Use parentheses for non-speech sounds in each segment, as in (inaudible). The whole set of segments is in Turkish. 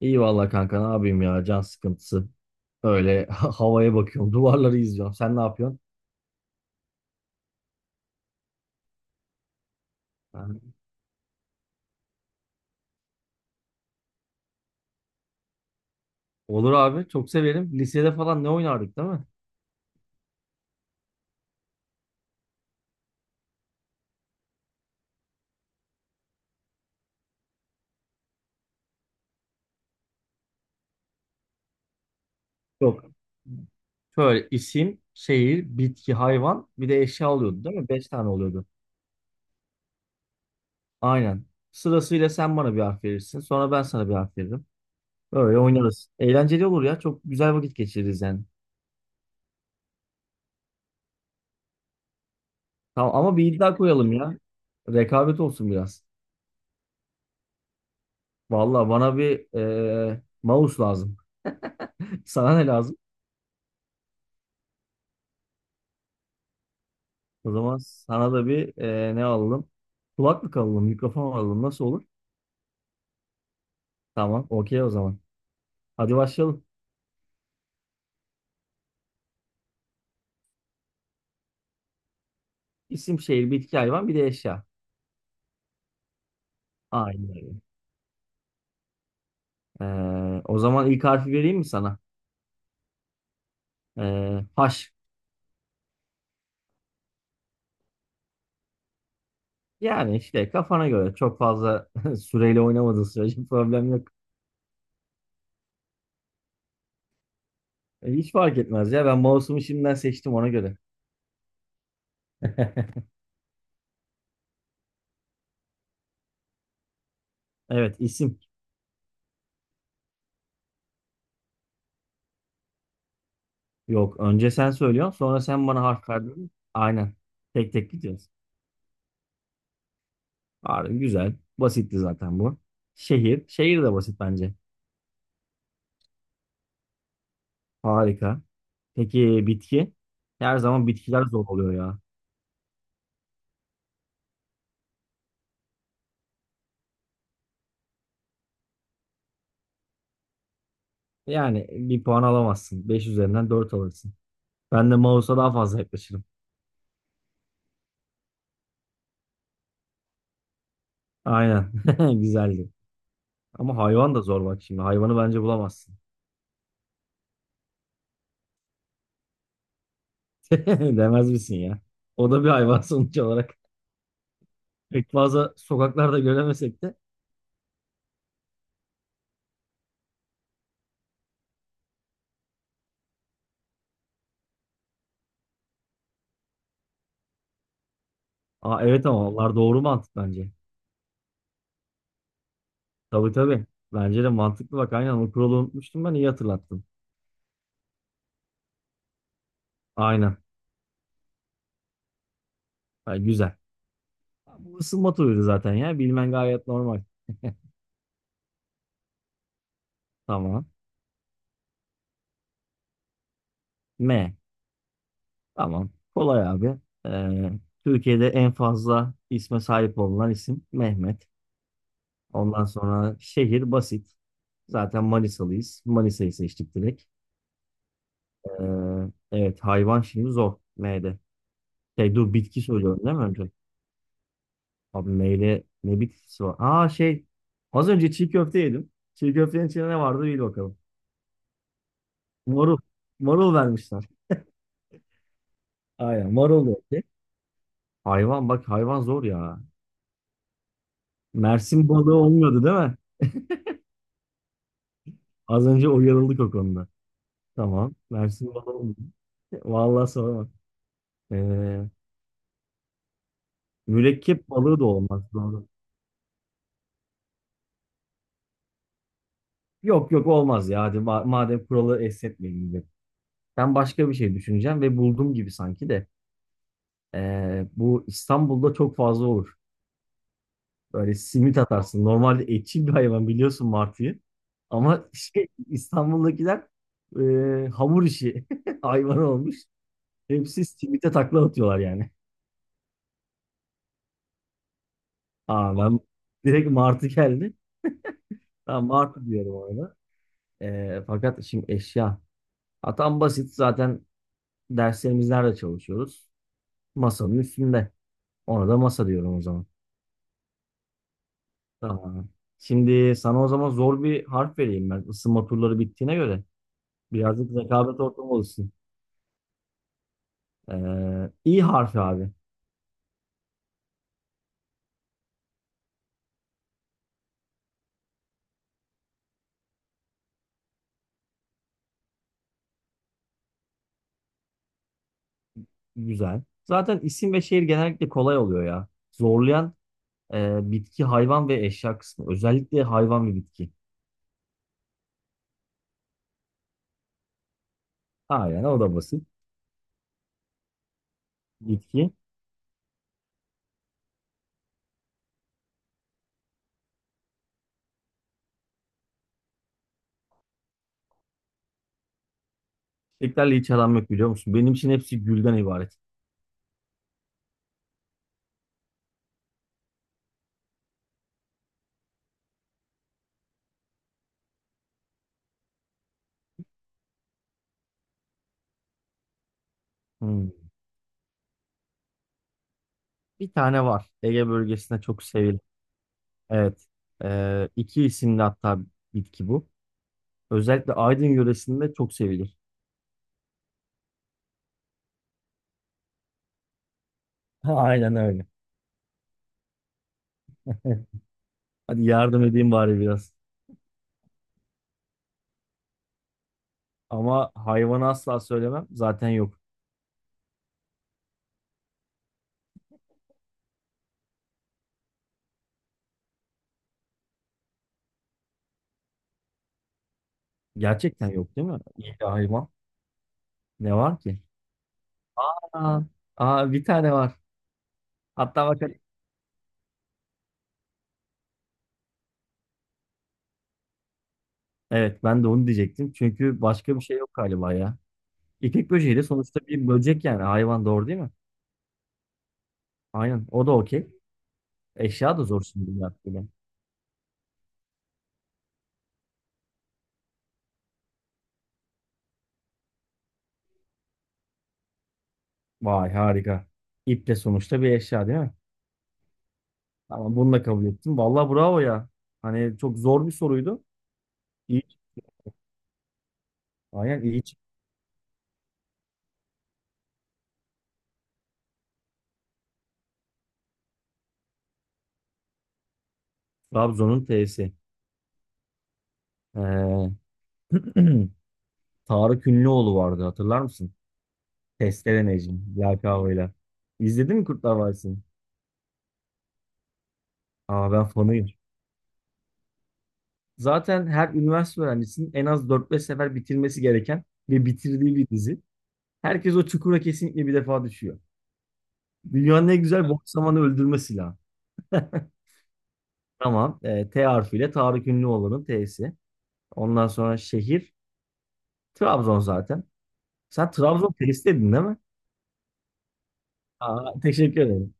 İyi valla kanka ne yapayım ya, can sıkıntısı. Öyle (laughs) havaya bakıyorum, duvarları izliyorum. Sen ne yapıyorsun? Ben- Olur abi, çok severim. Lisede falan ne oynardık değil mi? Yok. Şöyle isim, şehir, bitki, hayvan bir de eşya oluyordu değil mi? Beş tane oluyordu. Aynen. Sırasıyla sen bana bir harf verirsin. Sonra ben sana bir harf veririm. Öyle oynarız. Eğlenceli olur ya. Çok güzel vakit geçiririz yani. Tamam ama bir iddia koyalım ya. Rekabet olsun biraz. Valla bana bir mouse lazım. (laughs) Sana ne lazım? O zaman sana da bir ne alalım? Kulaklık alalım, mikrofon alalım. Nasıl olur? Tamam, okey o zaman. Hadi başlayalım. İsim, şehir, bitki, hayvan, bir de eşya. Aynen öyle. O zaman ilk harfi vereyim mi sana? E, H. Yani işte kafana göre çok fazla (laughs) süreyle oynamadığın sürece problem yok. Hiç fark etmez ya. Ben mouse'umu şimdiden seçtim ona göre. (laughs) Evet, isim. Yok, önce sen söylüyorsun, sonra sen bana harf verdin. Aynen. Tek tek gidiyoruz. Harbi güzel. Basitti zaten bu. Şehir. Şehir de basit bence. Harika. Peki bitki? Her zaman bitkiler zor oluyor ya. Yani bir puan alamazsın. Beş üzerinden 4 alırsın. Ben de mouse'a daha fazla yaklaşırım. Aynen. (laughs) Güzeldi. Ama hayvan da zor bak şimdi. Hayvanı bence bulamazsın. (laughs) Demez misin ya? O da bir hayvan (laughs) sonuç olarak. Pek fazla sokaklarda göremesek de. Aa, evet ama onlar doğru mantık bence. Tabii tabii. Bence de mantıklı bak. Aynen o kuralı unutmuştum ben. İyi hatırlattın. Aynen. Ha, güzel. Bu ısınma turuydu zaten ya. Bilmen gayet normal. Tamam. M. Tamam. Kolay abi. Ee, Türkiye'de en fazla isme sahip olunan isim Mehmet. Ondan sonra şehir basit. Zaten Manisalıyız. Manisa'yı seçtik direkt. Ee, evet, hayvan şimdi zor. M'de. Şey dur, bitki söylüyorum değil mi önce? Abi M'de ne bitkisi var? Aa şey, az önce çiğ köfte yedim. Çiğ köftenin içinde ne vardı bil bakalım. Marul. Marul vermişler. Aynen, marul yok. Hayvan bak, hayvan zor ya. Mersin balığı olmuyordu değil mi? Az önce uyarıldık o konuda. Tamam. Mersin balığı olmuyordu. (laughs) Vallahi sorma. Ee, Mürekkep balığı da olmaz. Doğru. Yok yok, olmaz ya. Hadi madem kuralı esnetmeyelim dedim. Ben başka bir şey düşüneceğim ve buldum gibi sanki de. Bu İstanbul'da çok fazla olur. Böyle simit atarsın. Normalde etçil bir hayvan biliyorsun, martıyı. Ama şey, İstanbul'dakiler hamur işi (laughs) hayvan olmuş. Hepsi simite takla atıyorlar yani. Aa ben direkt Martı geldi. Tamam, Martı diyorum orada. Fakat şimdi eşya. Atam basit zaten, derslerimiz nerede çalışıyoruz? Masanın üstünde. Ona da masa diyorum o zaman. Tamam. Şimdi sana o zaman zor bir harf vereyim ben. Isınma turları bittiğine göre. Birazcık rekabet ortamı olsun. İ harfi abi. Güzel. Zaten isim ve şehir genellikle kolay oluyor ya. Zorlayan bitki, hayvan ve eşya kısmı. Özellikle hayvan ve bitki. Aynen, o da basit. Bitki. Çiçeklerle hiç aram yok biliyor musun? Benim için hepsi gülden ibaret. Hmm. Bir tane var. Ege bölgesinde çok sevilen. Evet. İki isimli hatta, bitki bu. Özellikle Aydın yöresinde çok sevilir. (laughs) Aynen öyle. (laughs) Hadi yardım edeyim bari biraz. Ama hayvanı asla söylemem. Zaten yok. Gerçekten yok değil mi? İyi de hayvan. Ne var ki? Aa, bir tane var. Hatta bak. Evet, ben de onu diyecektim. Çünkü başka bir şey yok galiba ya. İpek böceği de sonuçta bir böcek yani hayvan, doğru değil mi? Aynen, o da okey. Eşya da zor şimdi bu yaptığım. Vay harika. İp de sonuçta bir eşya değil mi? Tamam, bunu da kabul ettim. Vallahi bravo ya. Hani çok zor bir soruydu. İyi. Aynen iyi, çıktı. Trabzon'un T'si. Ee, (clears throat) Tarık Ünlüoğlu vardı, hatırlar mısın? Testere Necmi. Lakabıyla. İzledin mi Kurtlar Vadisi'ni? Aa ben fanıyım. Zaten her üniversite öğrencisinin en az dört beş sefer bitirmesi gereken ve bitirdiği bir dizi. Herkes o çukura kesinlikle bir defa düşüyor. Dünyanın en güzel boş zamanı öldürme silahı. Tamam. E, T harfiyle Tarık Ünlüoğlu'nun T'si. Ondan sonra şehir. Trabzon zaten. Sen Trabzon T'si dedin değil mi? Aa, teşekkür ederim.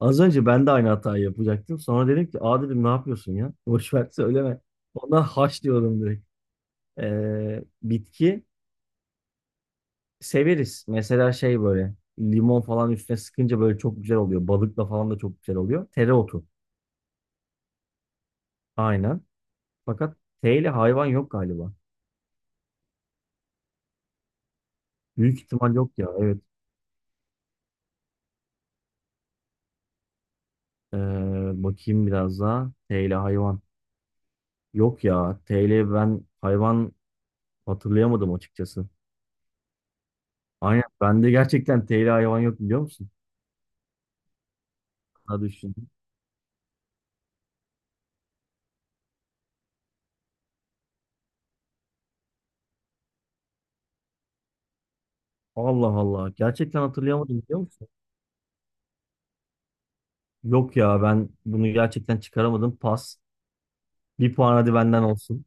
Az önce ben de aynı hatayı yapacaktım. Sonra dedim ki aa dedim, ne yapıyorsun ya? Boş ver, söyleme. Ondan haş diyorum direkt. E, bitki severiz. Mesela şey böyle, limon falan üstüne sıkınca böyle çok güzel oluyor. Balıkla falan da çok güzel oluyor. Tereotu. Aynen. Fakat T ile hayvan yok galiba. Büyük ihtimal yok ya. Evet. Bakayım biraz daha. T ile hayvan. Yok ya. T ile ben hayvan hatırlayamadım açıkçası. Aynen. Bende gerçekten T ile hayvan yok biliyor musun? Hadi düşündüm. Allah Allah. Gerçekten hatırlayamadım biliyor musun? Yok ya, ben bunu gerçekten çıkaramadım. Pas. Bir puan hadi benden olsun.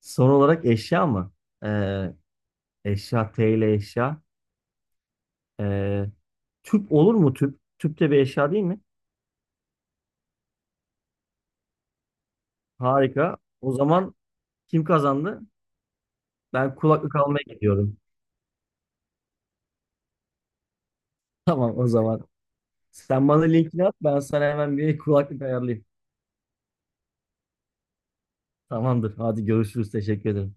Son olarak eşya mı? Ee, Eşya, T ile eşya. Ee, Tüp olur mu tüp? Tüp de bir eşya değil mi? Harika. O zaman kim kazandı? Ben kulaklık almaya gidiyorum. (laughs) Tamam o zaman. Sen bana linkini at, ben sana hemen bir kulaklık ayarlayayım. Tamamdır. Hadi görüşürüz. Teşekkür ederim.